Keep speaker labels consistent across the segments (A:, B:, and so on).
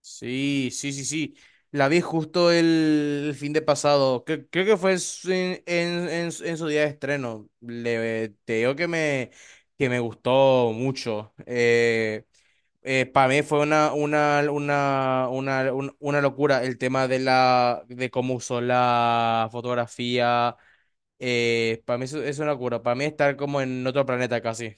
A: Sí, sí, sí, sí. La vi justo el fin de pasado. Creo que fue en su día de estreno. Te digo que que me gustó mucho. Para mí fue una locura el tema de de cómo usó la fotografía. Para mí es una locura. Para mí estar como en otro planeta casi.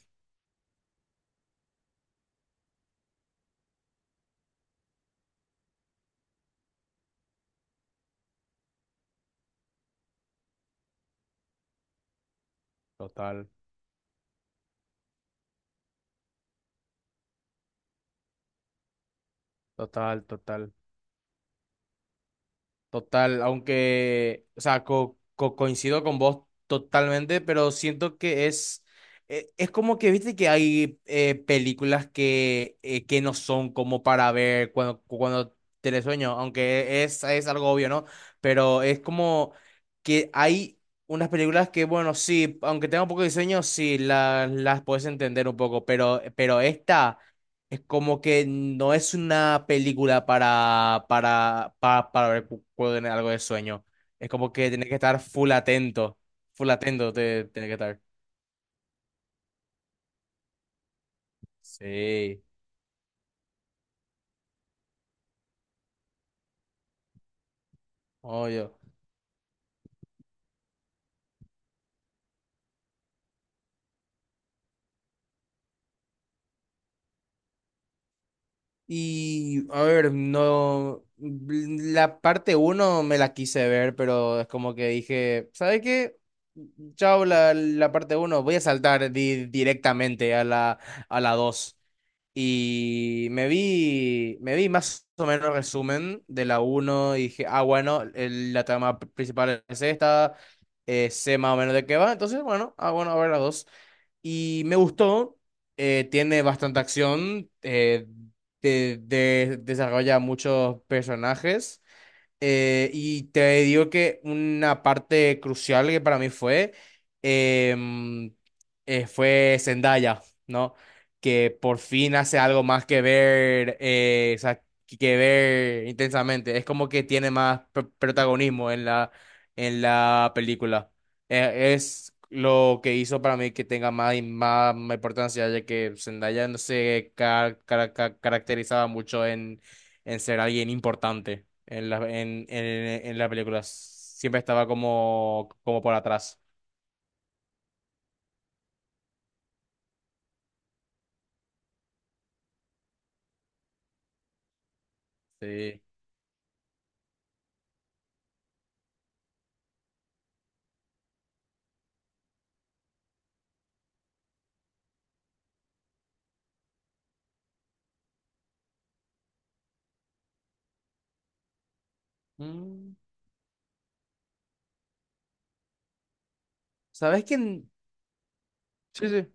A: Total, total, total. Total, aunque, o sea, coincido con vos totalmente, pero siento que es como que, viste que hay películas que no son como para ver cuando tenés sueño, aunque es algo obvio, ¿no? Pero es como que hay unas películas que, bueno, sí, aunque tenga un poco de sueño, sí, las puedes entender un poco, pero esta... Es como que no es una película para ver en algo de sueño. Es como que tienes que estar full atento. Full atento, tienes que estar. Sí. Obvio. Y a ver, no, la parte uno me la quise ver, pero es como que dije, ¿sabes qué? Chao, la parte uno, voy a saltar directamente a a la dos. Y me vi más o menos resumen de la uno y dije, ah, bueno, la trama principal es esta, sé más o menos de qué va, entonces, bueno, ah, bueno, a ver la 2 y me gustó, tiene bastante acción, eh, te desarrolla muchos personajes y te digo que una parte crucial que para mí em, fue Zendaya, ¿no? Que por fin hace algo más que ver, o sea, que ver intensamente. Es como que tiene más protagonismo en en la película. Es lo que hizo para mí que tenga más y más importancia, ya que Zendaya no se caracterizaba mucho en ser alguien importante en en la película. Siempre estaba como, como por atrás. Sí. Mm. ¿Sabes quién? Sí, sí.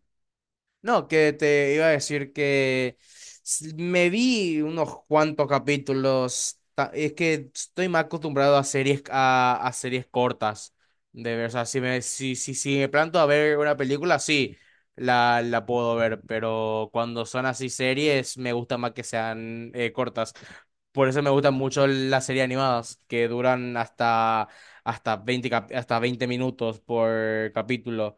A: No, que te iba a decir que me vi unos cuantos capítulos. Es que estoy más acostumbrado a a series cortas. De ver, o sea, si me planto a ver una película, sí, la puedo ver. Pero cuando son así series, me gusta más que sean cortas. Por eso me gustan mucho las series animadas, que duran hasta 20 hasta 20 minutos por capítulo.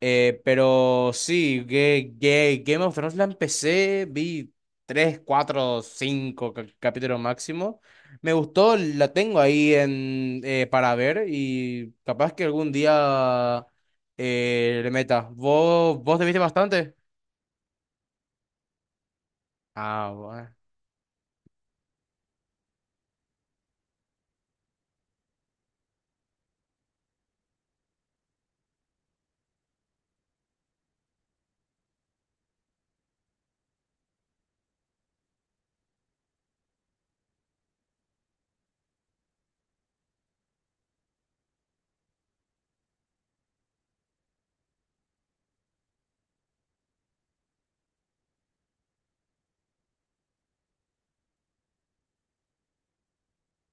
A: Pero sí, Game of Thrones la empecé, vi 3, 4, 5 capítulos máximo. Me gustó, la tengo ahí en, para ver y capaz que algún día le meta. Vos te viste bastante? Ah, bueno.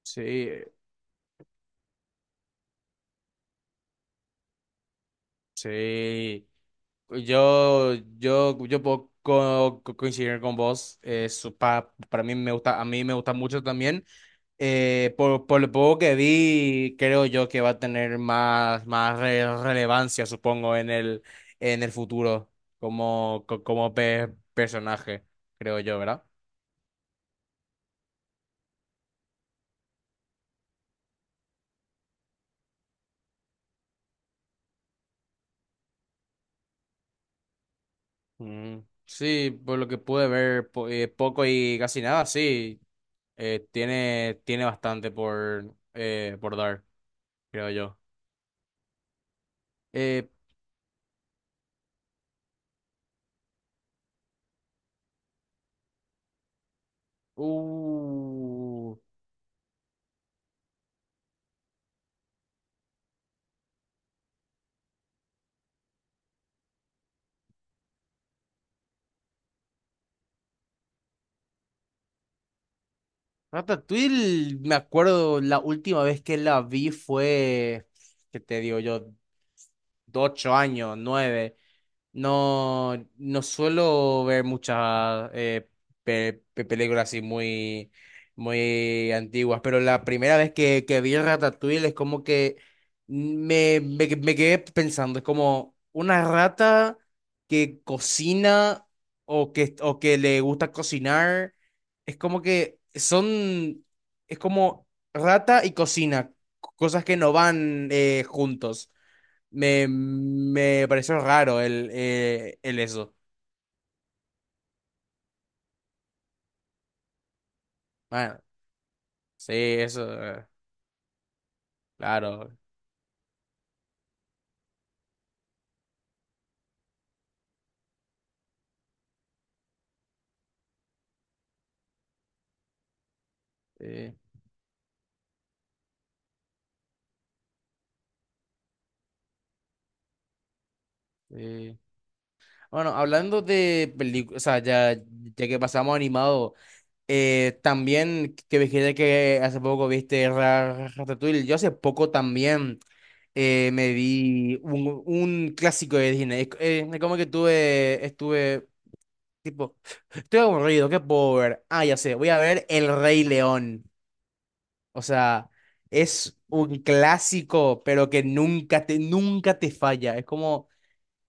A: Sí, sí. Yo puedo coincidir con vos. Eh, para mí me gusta, a mí me gusta mucho también. Por lo poco que vi, creo yo que va a tener más relevancia, supongo, en en el futuro como personaje, creo yo, ¿verdad? Mm. Sí, por lo que pude ver, poco y casi nada, sí. Tiene bastante por dar, creo yo. Eh, uh, Ratatouille, me acuerdo la última vez que la vi fue, ¿qué te digo yo? De 8 años, 9. No, no suelo ver muchas películas así muy antiguas, pero la primera vez que vi Ratatouille es como que me quedé pensando, es como una rata que cocina o o que le gusta cocinar, es como que son, es como rata y cocina, cosas que no van juntos. Me pareció raro el eso. Bueno, sí, eso, claro. Sí, sí. Bueno, hablando de películas, o sea, ya que pasamos a animado, también que dijiste que hace poco viste Ratatouille, yo hace poco también eh, me vi un clásico de Disney. Es como que estuve, tipo, estoy aburrido, qué puedo ver. Ah, ya sé, voy a ver El Rey León. O sea, es un clásico, pero que nunca nunca te falla. Es como,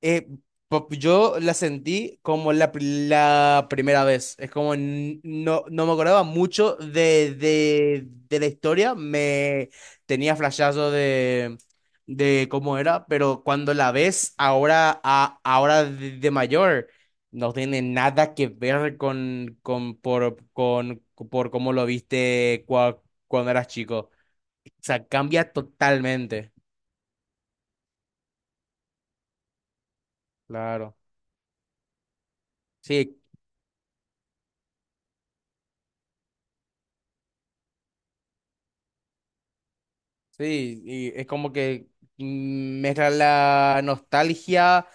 A: eh, yo la sentí como la primera vez. Es como no me acordaba mucho de la historia. Me tenía flashazo de cómo era, pero cuando la ves ahora, ahora de mayor, no tiene nada que ver con, por cómo lo viste cuando eras chico. O sea, cambia totalmente. Claro. Sí, sí, y es como que mezcla la nostalgia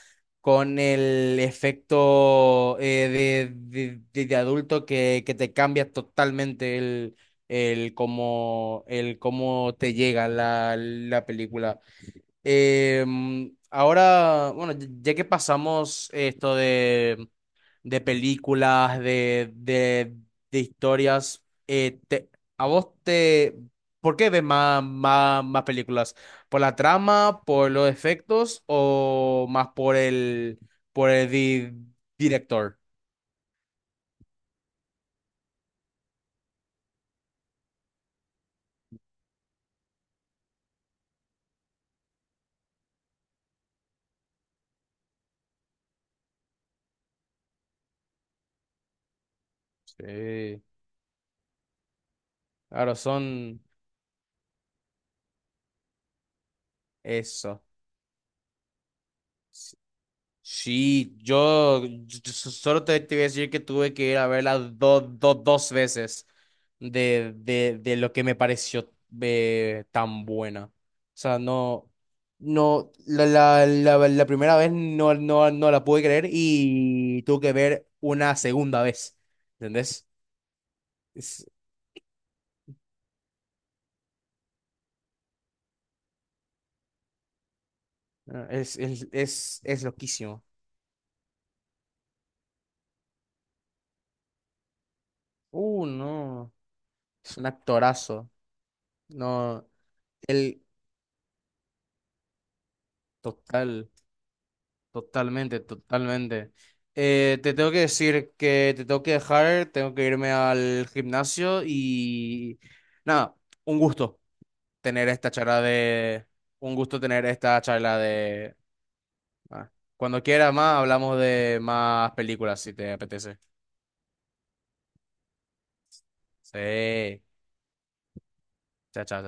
A: con el efecto de adulto que te cambia totalmente el cómo te llega la película. Mm, ahora, bueno, ya que pasamos esto de de historias. ¿A vos te... ¿Por qué ves más películas? ¿Por la trama, por los efectos o más por por el director? Sí, claro, son eso. Sí, solo te voy a decir que tuve que ir a verla dos veces de lo que me pareció tan buena. O sea, no, la primera vez no la pude creer y tuve que ver una segunda vez. ¿Entendés? Es, ah, Es loquísimo. No, es un actorazo. No, el total. Totalmente, totalmente. Te tengo que decir que te tengo que dejar, tengo que irme al gimnasio y nada, un gusto tener esta charla de. Un gusto tener esta charla de, ah, cuando quiera más hablamos de más películas si te apetece. Sí, chao, chao.